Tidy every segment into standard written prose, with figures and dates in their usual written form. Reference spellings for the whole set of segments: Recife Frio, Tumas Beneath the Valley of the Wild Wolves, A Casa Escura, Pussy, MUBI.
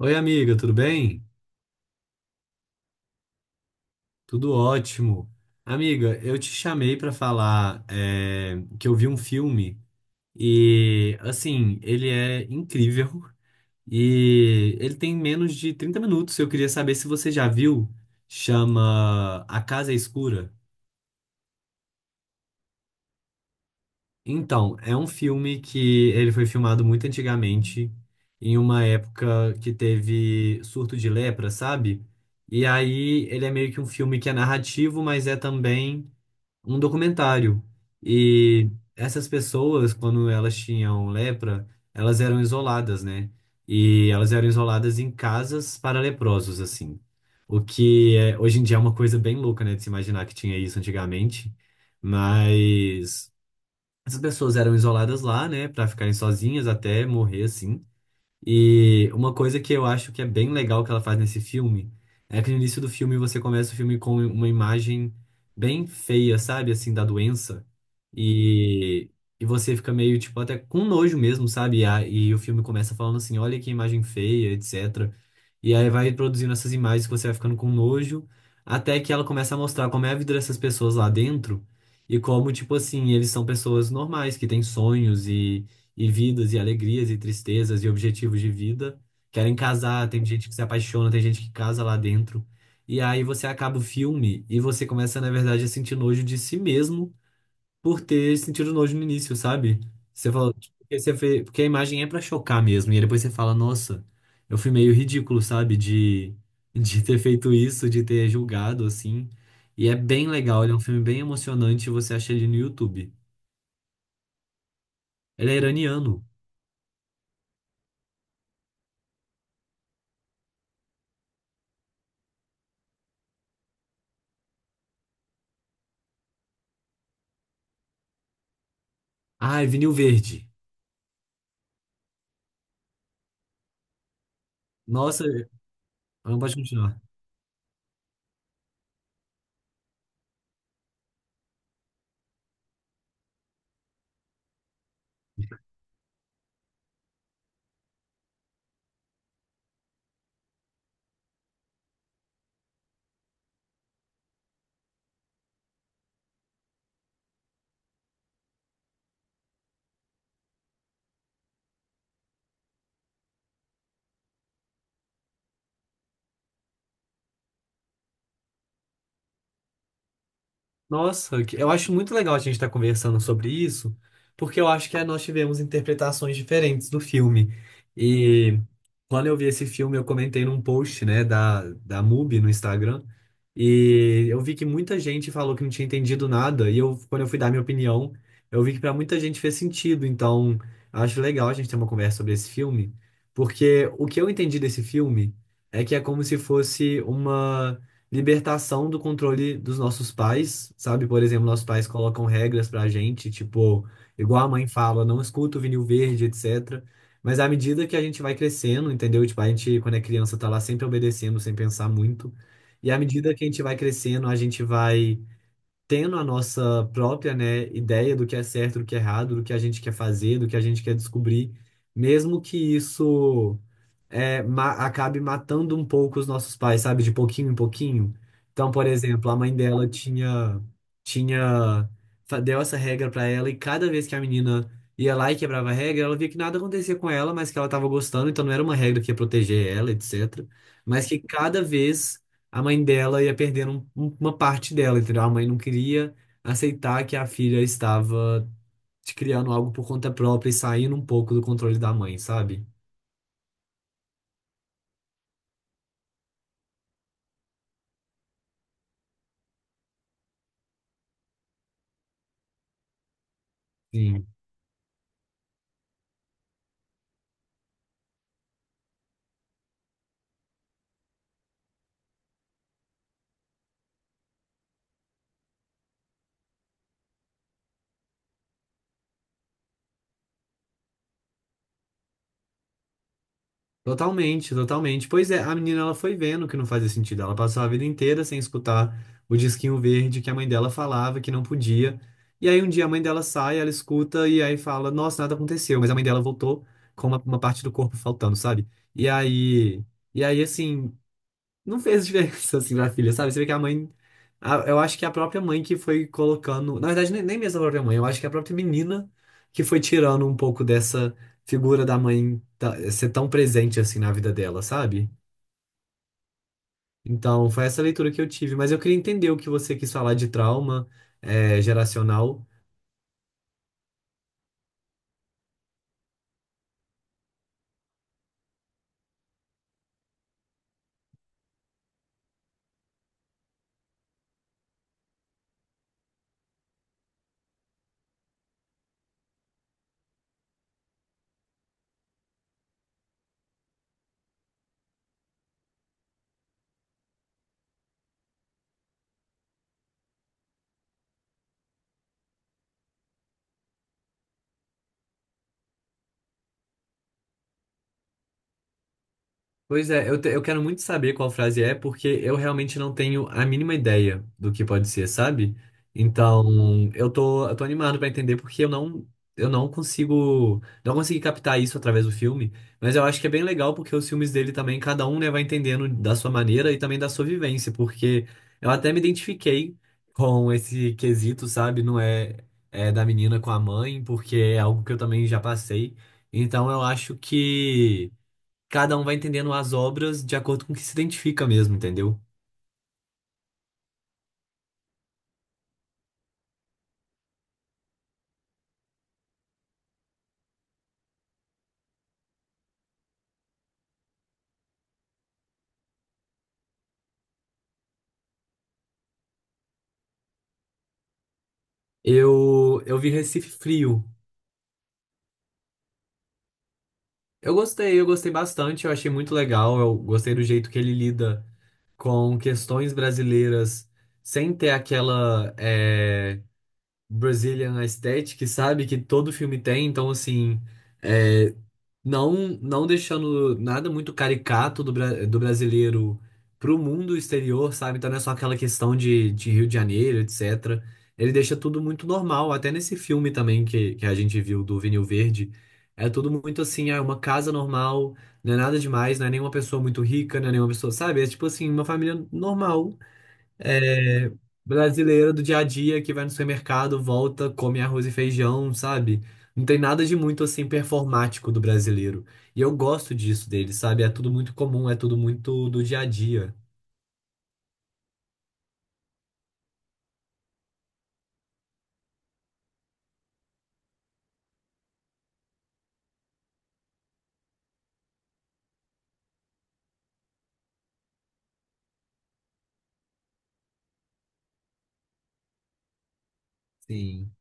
Oi, amiga, tudo bem? Tudo ótimo. Amiga, eu te chamei para falar que eu vi um filme e, assim, ele é incrível e ele tem menos de 30 minutos. Eu queria saber se você já viu. Chama A Casa Escura. Então, é um filme que ele foi filmado muito antigamente, em uma época que teve surto de lepra, sabe? E aí ele é meio que um filme que é narrativo, mas é também um documentário. E essas pessoas, quando elas tinham lepra, elas eram isoladas, né? E elas eram isoladas em casas para leprosos, assim. O que é, hoje em dia é uma coisa bem louca, né? De se imaginar que tinha isso antigamente. Mas essas pessoas eram isoladas lá, né? Para ficarem sozinhas até morrer, assim. E uma coisa que eu acho que é bem legal que ela faz nesse filme é que no início do filme você começa o filme com uma imagem bem feia, sabe? Assim, da doença. E, e você fica meio, tipo, até com nojo mesmo, sabe? E o filme começa falando assim: olha que imagem feia, etc. E aí vai produzindo essas imagens que você vai ficando com nojo, até que ela começa a mostrar como é a vida dessas pessoas lá dentro e como, tipo assim, eles são pessoas normais, que têm sonhos e vidas e alegrias e tristezas e objetivos de vida. Querem casar, tem gente que se apaixona, tem gente que casa lá dentro. E aí você acaba o filme e você começa, na verdade, a sentir nojo de si mesmo por ter sentido nojo no início, sabe? Você fala, tipo, porque porque a imagem é pra chocar mesmo. E aí depois você fala, nossa, eu fui meio ridículo, sabe? De ter feito isso, de ter julgado, assim. E é bem legal, ele é um filme bem emocionante, você acha ele no YouTube. Ele é iraniano. Ah, é vinil verde. Nossa, não pode continuar. Nossa, que- eu acho muito legal a gente estar conversando sobre isso, porque eu acho que nós tivemos interpretações diferentes do filme. E quando eu vi esse filme, eu comentei num post, né, da MUBI no Instagram, e eu vi que muita gente falou que não tinha entendido nada, e eu, quando eu fui dar minha opinião, eu vi que para muita gente fez sentido. Então, acho legal a gente ter uma conversa sobre esse filme, porque o que eu entendi desse filme é que é como se fosse uma libertação do controle dos nossos pais, sabe? Por exemplo, nossos pais colocam regras pra gente, tipo, igual a mãe fala, não escuta o vinil verde, etc. Mas à medida que a gente vai crescendo, entendeu? Tipo, a gente, quando é criança, tá lá sempre obedecendo, sem pensar muito. E à medida que a gente vai crescendo, a gente vai tendo a nossa própria, né, ideia do que é certo, do que é errado, do que a gente quer fazer, do que a gente quer descobrir. Mesmo que isso ma- acabe matando um pouco os nossos pais, sabe? De pouquinho em pouquinho. Então, por exemplo, a mãe dela tinha, deu essa regra pra ela e cada vez que a menina ia lá e quebrava a regra, ela via que nada acontecia com ela, mas que ela tava gostando, então não era uma regra que ia proteger ela, etc. Mas que cada vez a mãe dela ia perdendo uma parte dela, entendeu? A mãe não queria aceitar que a filha estava criando algo por conta própria e saindo um pouco do controle da mãe, sabe? Totalmente, totalmente. Pois é, a menina ela foi vendo que não fazia sentido. Ela passou a vida inteira sem escutar o disquinho verde que a mãe dela falava que não podia. E aí um dia a mãe dela sai, ela escuta e aí fala: Nossa, nada aconteceu. Mas a mãe dela voltou com uma parte do corpo faltando, sabe? E aí, e aí assim, não fez diferença, assim, na filha, sabe? Você vê que a mãe. A- eu acho que a própria mãe que foi colocando. Na verdade, nem mesmo a própria mãe, eu acho que a própria menina que foi tirando um pouco dessa figura da mãe ser tão presente, assim, na vida dela, sabe? Então, foi essa leitura que eu tive. Mas eu queria entender o que você quis falar de trauma, geracional. Pois é, eu quero muito saber qual frase é, porque eu realmente não tenho a mínima ideia do que pode ser, sabe? Então, eu tô animado pra entender, porque eu não consigo, não consegui captar isso através do filme, mas eu acho que é bem legal, porque os filmes dele também, cada um, né, vai entendendo da sua maneira e também da sua vivência, porque eu até me identifiquei com esse quesito, sabe? Não é, é da menina com a mãe, porque é algo que eu também já passei. Então, eu acho que cada um vai entendendo as obras de acordo com o que se identifica mesmo, entendeu? Eu vi Recife Frio. Eu gostei bastante, eu achei muito legal, eu gostei do jeito que ele lida com questões brasileiras sem ter aquela Brazilian aesthetic, sabe? Que todo filme tem, então assim, é, não não deixando nada muito caricato do, bra- do brasileiro pro mundo exterior, sabe? Então não é só aquela questão de Rio de Janeiro, etc. Ele deixa tudo muito normal, até nesse filme também que a gente viu do Vinil Verde. É tudo muito assim, é uma casa normal, não é nada demais, não é nenhuma pessoa muito rica, não é nenhuma pessoa, sabe? É tipo assim, uma família normal, é, brasileira do dia a dia que vai no supermercado, volta, come arroz e feijão, sabe? Não tem nada de muito assim performático do brasileiro. E eu gosto disso dele, sabe? É tudo muito comum, é tudo muito do dia a dia. Sim.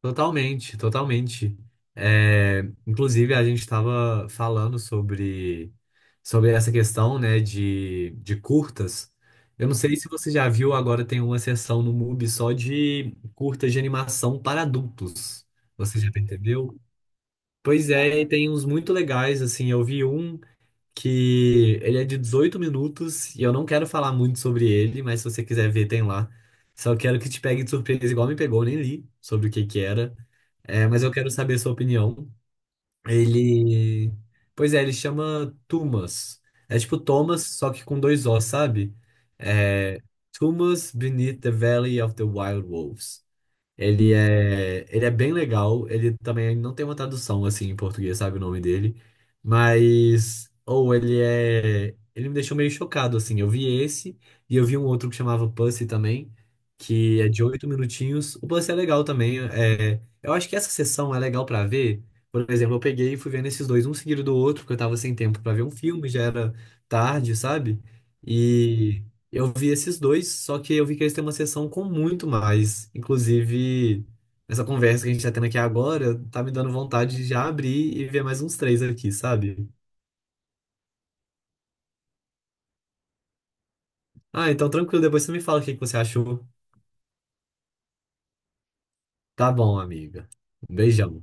Totalmente, totalmente. É, inclusive, a gente estava falando sobre essa questão, né, de curtas. Eu não sei se você já viu, agora tem uma seção no MUBI só de curtas de animação para adultos. Você já percebeu? Pois é, e tem uns muito legais, assim, eu vi um que ele é de 18 minutos e eu não quero falar muito sobre ele, mas se você quiser ver, tem lá. Só quero que te pegue de surpresa, igual me pegou, eu nem li sobre o que que era. É, mas eu quero saber a sua opinião. Ele. Pois é, ele chama Tumas. É tipo Thomas, só que com dois O, sabe? É. Tumas Beneath the Valley of the Wild Wolves. Ele é bem legal. Ele também não tem uma tradução assim em português, sabe o nome dele? Mas ou ele é, ele me deixou meio chocado assim. Eu vi esse e eu vi um outro que chamava Pussy também, que é de 8 minutinhos. O Pussy é legal também. É, eu acho que essa sessão é legal pra ver. Por exemplo, eu peguei e fui vendo esses dois um seguido do outro, porque eu tava sem tempo pra ver um filme, já era tarde, sabe? E eu vi esses dois, só que eu vi que eles têm uma sessão com muito mais. Inclusive, essa conversa que a gente tá tendo aqui agora tá me dando vontade de já abrir e ver mais uns 3 aqui, sabe? Ah, então tranquilo, depois você me fala o que que você achou. Tá bom, amiga. Um beijão.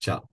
Tchau.